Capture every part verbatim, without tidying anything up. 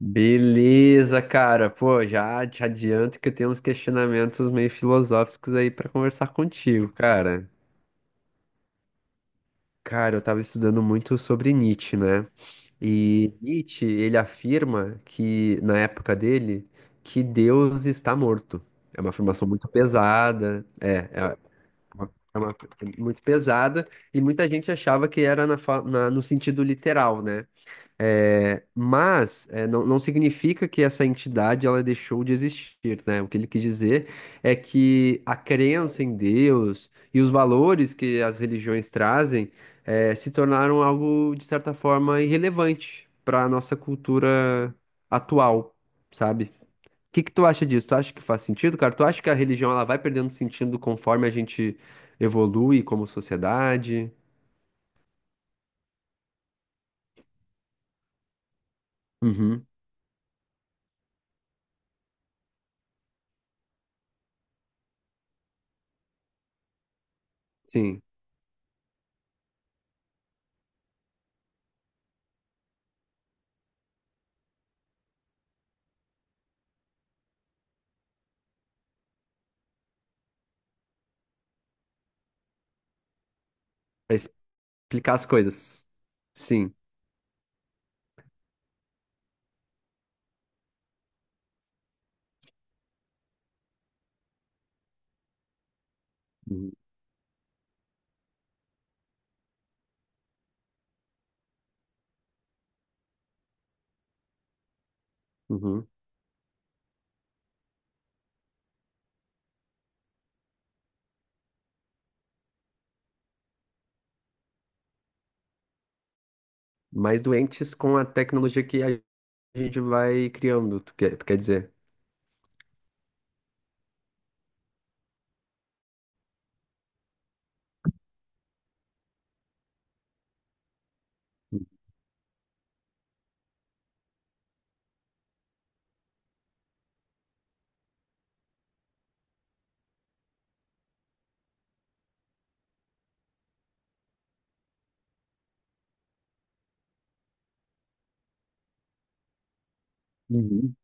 Beleza, cara. Pô, já te adianto que eu tenho uns questionamentos meio filosóficos aí pra conversar contigo, cara. Cara, eu tava estudando muito sobre Nietzsche, né? E Nietzsche, ele afirma que, na época dele, que Deus está morto. É uma afirmação muito pesada, é, é uma, é uma- muito pesada, e muita gente achava que era na fa- na- no sentido literal, né? É, mas é, não, não significa que essa entidade ela deixou de existir, né? O que ele quis dizer é que a crença em Deus e os valores que as religiões trazem é, se tornaram algo, de certa forma, irrelevante para a nossa cultura atual, sabe? O que que tu acha disso? Tu acha que faz sentido, cara? Tu acha que a religião ela vai perdendo sentido conforme a gente evolui como sociedade? Uhum, sim. Pra explicar as coisas. Sim. Uhum. Uhum. Mais doentes com a tecnologia que a gente vai criando, tu quer, tu quer dizer? Uhum.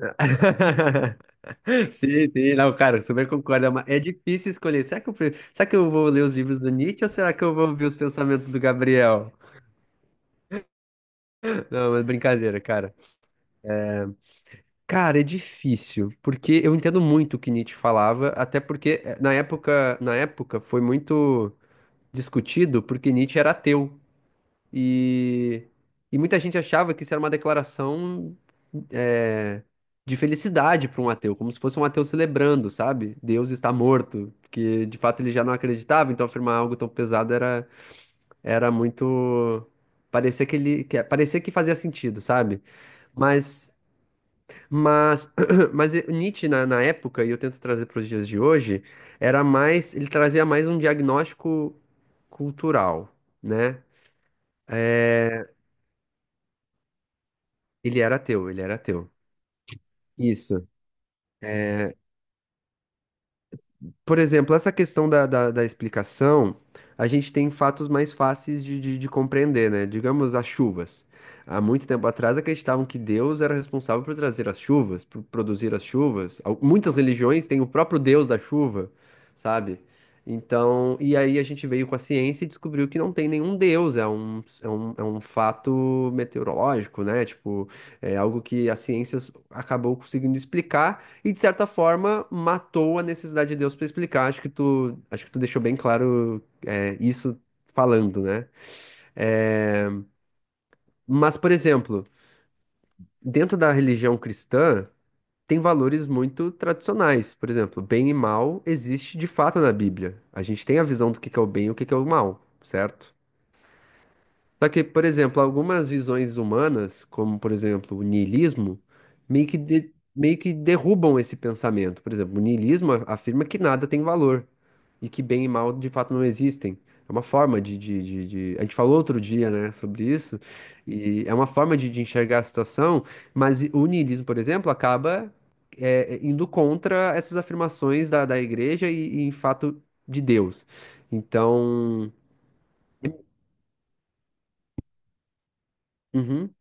Sim, sim, não, cara, super concordo. É é difícil escolher. Será que eu, pre- será que eu vou ler os livros do Nietzsche ou será que eu vou ver os pensamentos do Gabriel? Não, mas brincadeira, cara. Cara, é difícil, porque eu entendo muito o que Nietzsche falava, até porque eh, na época, na época foi muito discutido porque Nietzsche era ateu. E, e muita gente achava que isso era uma declaração é, de felicidade para um ateu, como se fosse um ateu celebrando, sabe? Deus está morto, porque de fato ele já não acreditava, então afirmar algo tão pesado era, era muito. Parecia que ele, que, parecia que fazia sentido, sabe? Mas, mas, mas e- Nietzsche na, na época, e eu tento trazer para os dias de hoje, era mais, ele trazia mais um diagnóstico cultural, né? Ele era ateu, ele era ateu. Isso. É, por exemplo, essa questão da, da, da explicação, a gente tem fatos mais fáceis de, de, de compreender, né? Digamos, as chuvas. Há muito tempo atrás acreditavam que Deus era responsável por trazer as chuvas, por produzir as chuvas. Al- Muitas religiões têm o próprio Deus da chuva, sabe? Então, e aí a gente veio com a ciência e descobriu que não tem nenhum Deus, é um, é um, é um fato meteorológico, né? Tipo, é algo que a ciência acabou conseguindo explicar. E de certa forma matou a necessidade de Deus para explicar. Acho que tu, acho que tu deixou bem claro é, isso falando, né? É, mas, por exemplo, dentro da religião cristã tem valores muito tradicionais. Por exemplo, bem e mal existe de fato na Bíblia. A gente tem a visão do que que é o bem e o que que é o mal, certo? Só que, por exemplo, algumas visões humanas, como por exemplo o niilismo, meio que, de- meio que derrubam esse pensamento. Por exemplo, o niilismo a- afirma que nada tem valor e que bem e mal de fato não existem. É uma forma de, de, de- de- A gente falou outro dia, né, sobre isso, e é uma forma de, de enxergar a situação, mas o niilismo, por exemplo, acaba é, indo contra essas afirmações da, da igreja e, e, em fato, de Deus. Então. Uhum.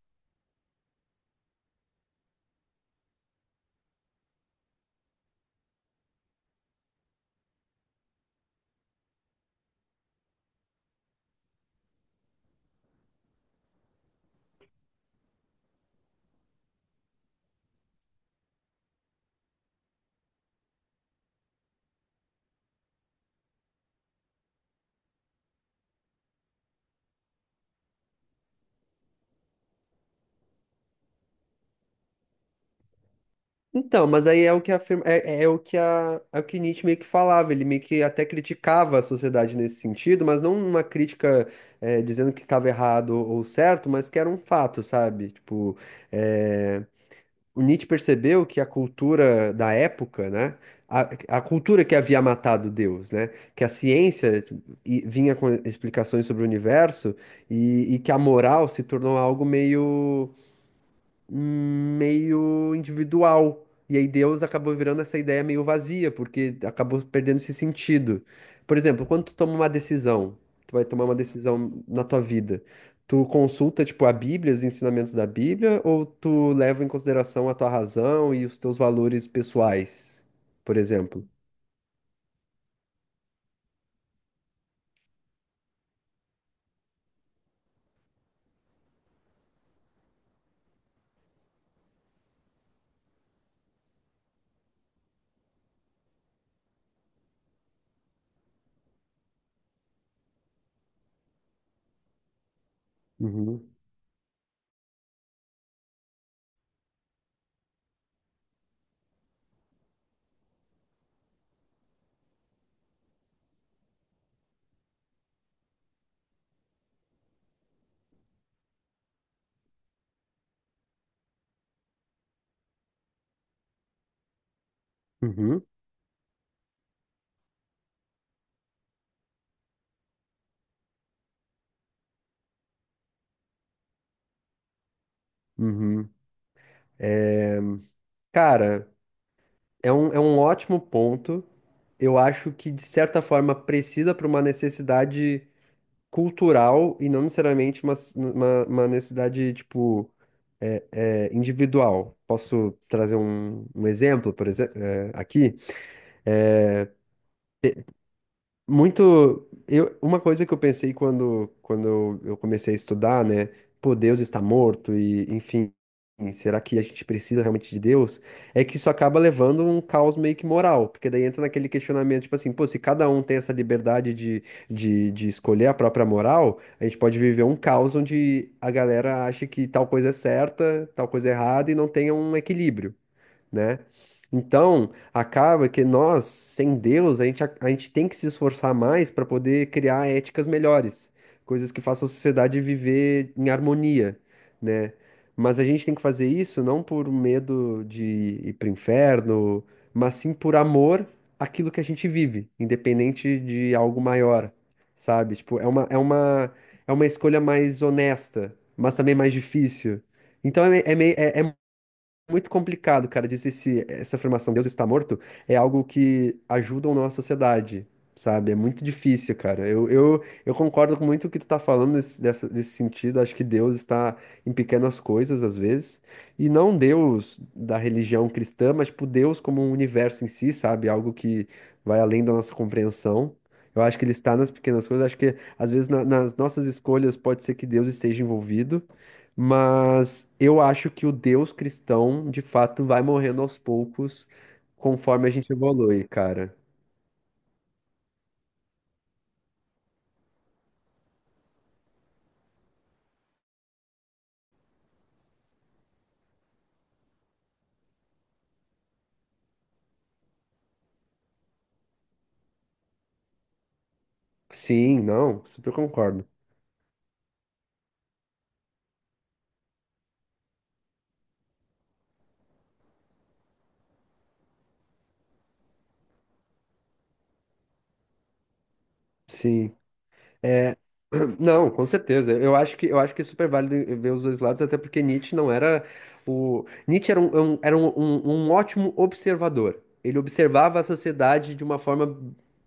Então, mas aí é o que afirma, é, é o que a, é o que Nietzsche meio que falava, ele meio que até criticava a sociedade nesse sentido, mas não uma crítica eh, dizendo que estava errado ou certo, mas que era um fato, sabe? Tipo, eh, o Nietzsche percebeu que a cultura da época, né? A, a cultura que havia matado Deus, né? Que a ciência tipo, e- vinha com explicações sobre o universo e, e que a moral se tornou algo meio meio individual. E aí Deus acabou virando essa ideia meio vazia, porque acabou perdendo esse sentido. Por exemplo, quando tu toma uma decisão, tu vai tomar uma decisão na tua vida, tu consulta, tipo, a Bíblia, os ensinamentos da Bíblia, ou tu leva em consideração a tua razão e os teus valores pessoais, por exemplo? Uhum, uhum, uhum. Cara, é um, é um ótimo ponto. Eu acho que, de certa forma, precisa para uma necessidade cultural e não necessariamente uma, s- uma, uma necessidade, tipo, é, é, individual. Posso trazer um, um exemplo, por exemplo, aqui? Muito. Eu, uma coisa que eu pensei quando, quando eu eu comecei a estudar, né? Pô, Deus está morto e, enfim, será que a gente precisa realmente de Deus? É que isso acaba levando um caos meio que moral, porque daí entra naquele questionamento, tipo assim, pô, se cada um tem essa liberdade de, de, de escolher a própria moral, a gente pode viver um caos onde a galera acha que tal coisa é certa, tal coisa é errada e não tenha um equilíbrio né? Então, acaba que nós, sem Deus, a gente, a, a gente tem que se esforçar mais para poder criar éticas melhores, coisas que façam a sociedade viver em harmonia, né? Mas a gente tem que fazer isso não por medo de ir para o inferno, mas sim por amor àquilo que a gente vive, independente de algo maior, sabe? Tipo, é uma, é uma, é uma escolha mais honesta, mas também mais difícil. Então é, meio, muito complicado, cara, dizer se essa afirmação Deus está morto é algo que ajuda ou não a sociedade, sabe? É muito difícil, cara. Eu, eu, eu concordo com muito o que tu tá falando nesse, dessa- nesse sentido. Acho que Deus está em pequenas coisas, às vezes. E não Deus da religião cristã, mas, tipo, Deus como um universo em si, sabe? Algo que vai além da nossa compreensão. Eu acho que ele está nas pequenas coisas. Acho que, às vezes, na- nas nossas escolhas, pode ser que Deus esteja envolvido. Mas eu acho que o Deus cristão, de fato, vai morrendo aos poucos conforme a gente evolui, cara. Sim, não, super concordo. Sim. É, não, com certeza. Eu acho que eu acho que é super válido ver os dois lados, até porque Nietzsche não era o Nietzsche era um, é um- era um, um- um ótimo observador. Ele observava a sociedade de uma forma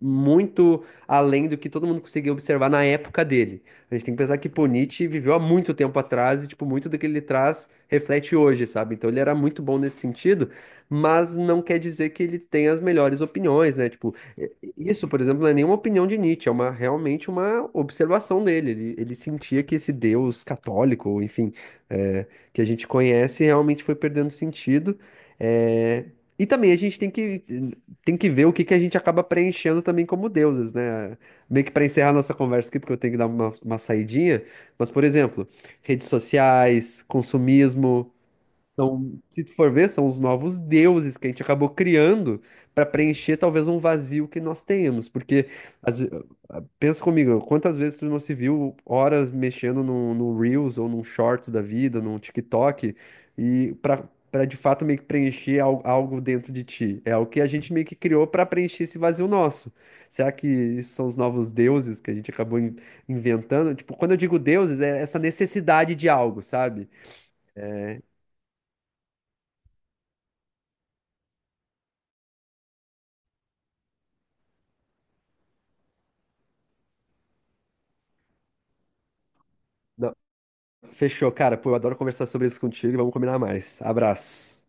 muito além do que todo mundo conseguia observar na época dele. A gente tem que pensar que pô, Nietzsche viveu há muito tempo atrás e tipo muito do que ele traz reflete hoje, sabe? Então ele era muito bom nesse sentido, mas não quer dizer que ele tenha as melhores opiniões, né? Tipo isso, por exemplo, não é nenhuma opinião de Nietzsche, é uma realmente uma observação dele. Ele, ele sentia que esse Deus católico, ou enfim, é, que a gente conhece, realmente foi perdendo sentido. É, e também a gente tem que, tem que ver o que, que a gente acaba preenchendo também como deuses, né? Meio que para encerrar nossa conversa aqui, porque eu tenho que dar uma, uma saidinha, mas, por exemplo, redes sociais, consumismo. Então, se tu for ver, são os novos deuses que a gente acabou criando para preencher talvez um vazio que nós temos, porque às ve- ah, pensa comigo, quantas vezes tu não se viu horas mexendo no, no Reels ou num Shorts da vida, num TikTok, e para para de fato meio que preencher al- algo dentro de ti. É o que a gente meio que criou para preencher esse vazio nosso. Será que isso são os novos deuses que a gente acabou in- inventando? Tipo, quando eu digo deuses, é essa necessidade de algo, sabe? Fechou, cara. Pô, eu adoro conversar sobre isso contigo e vamos combinar mais. Abraço.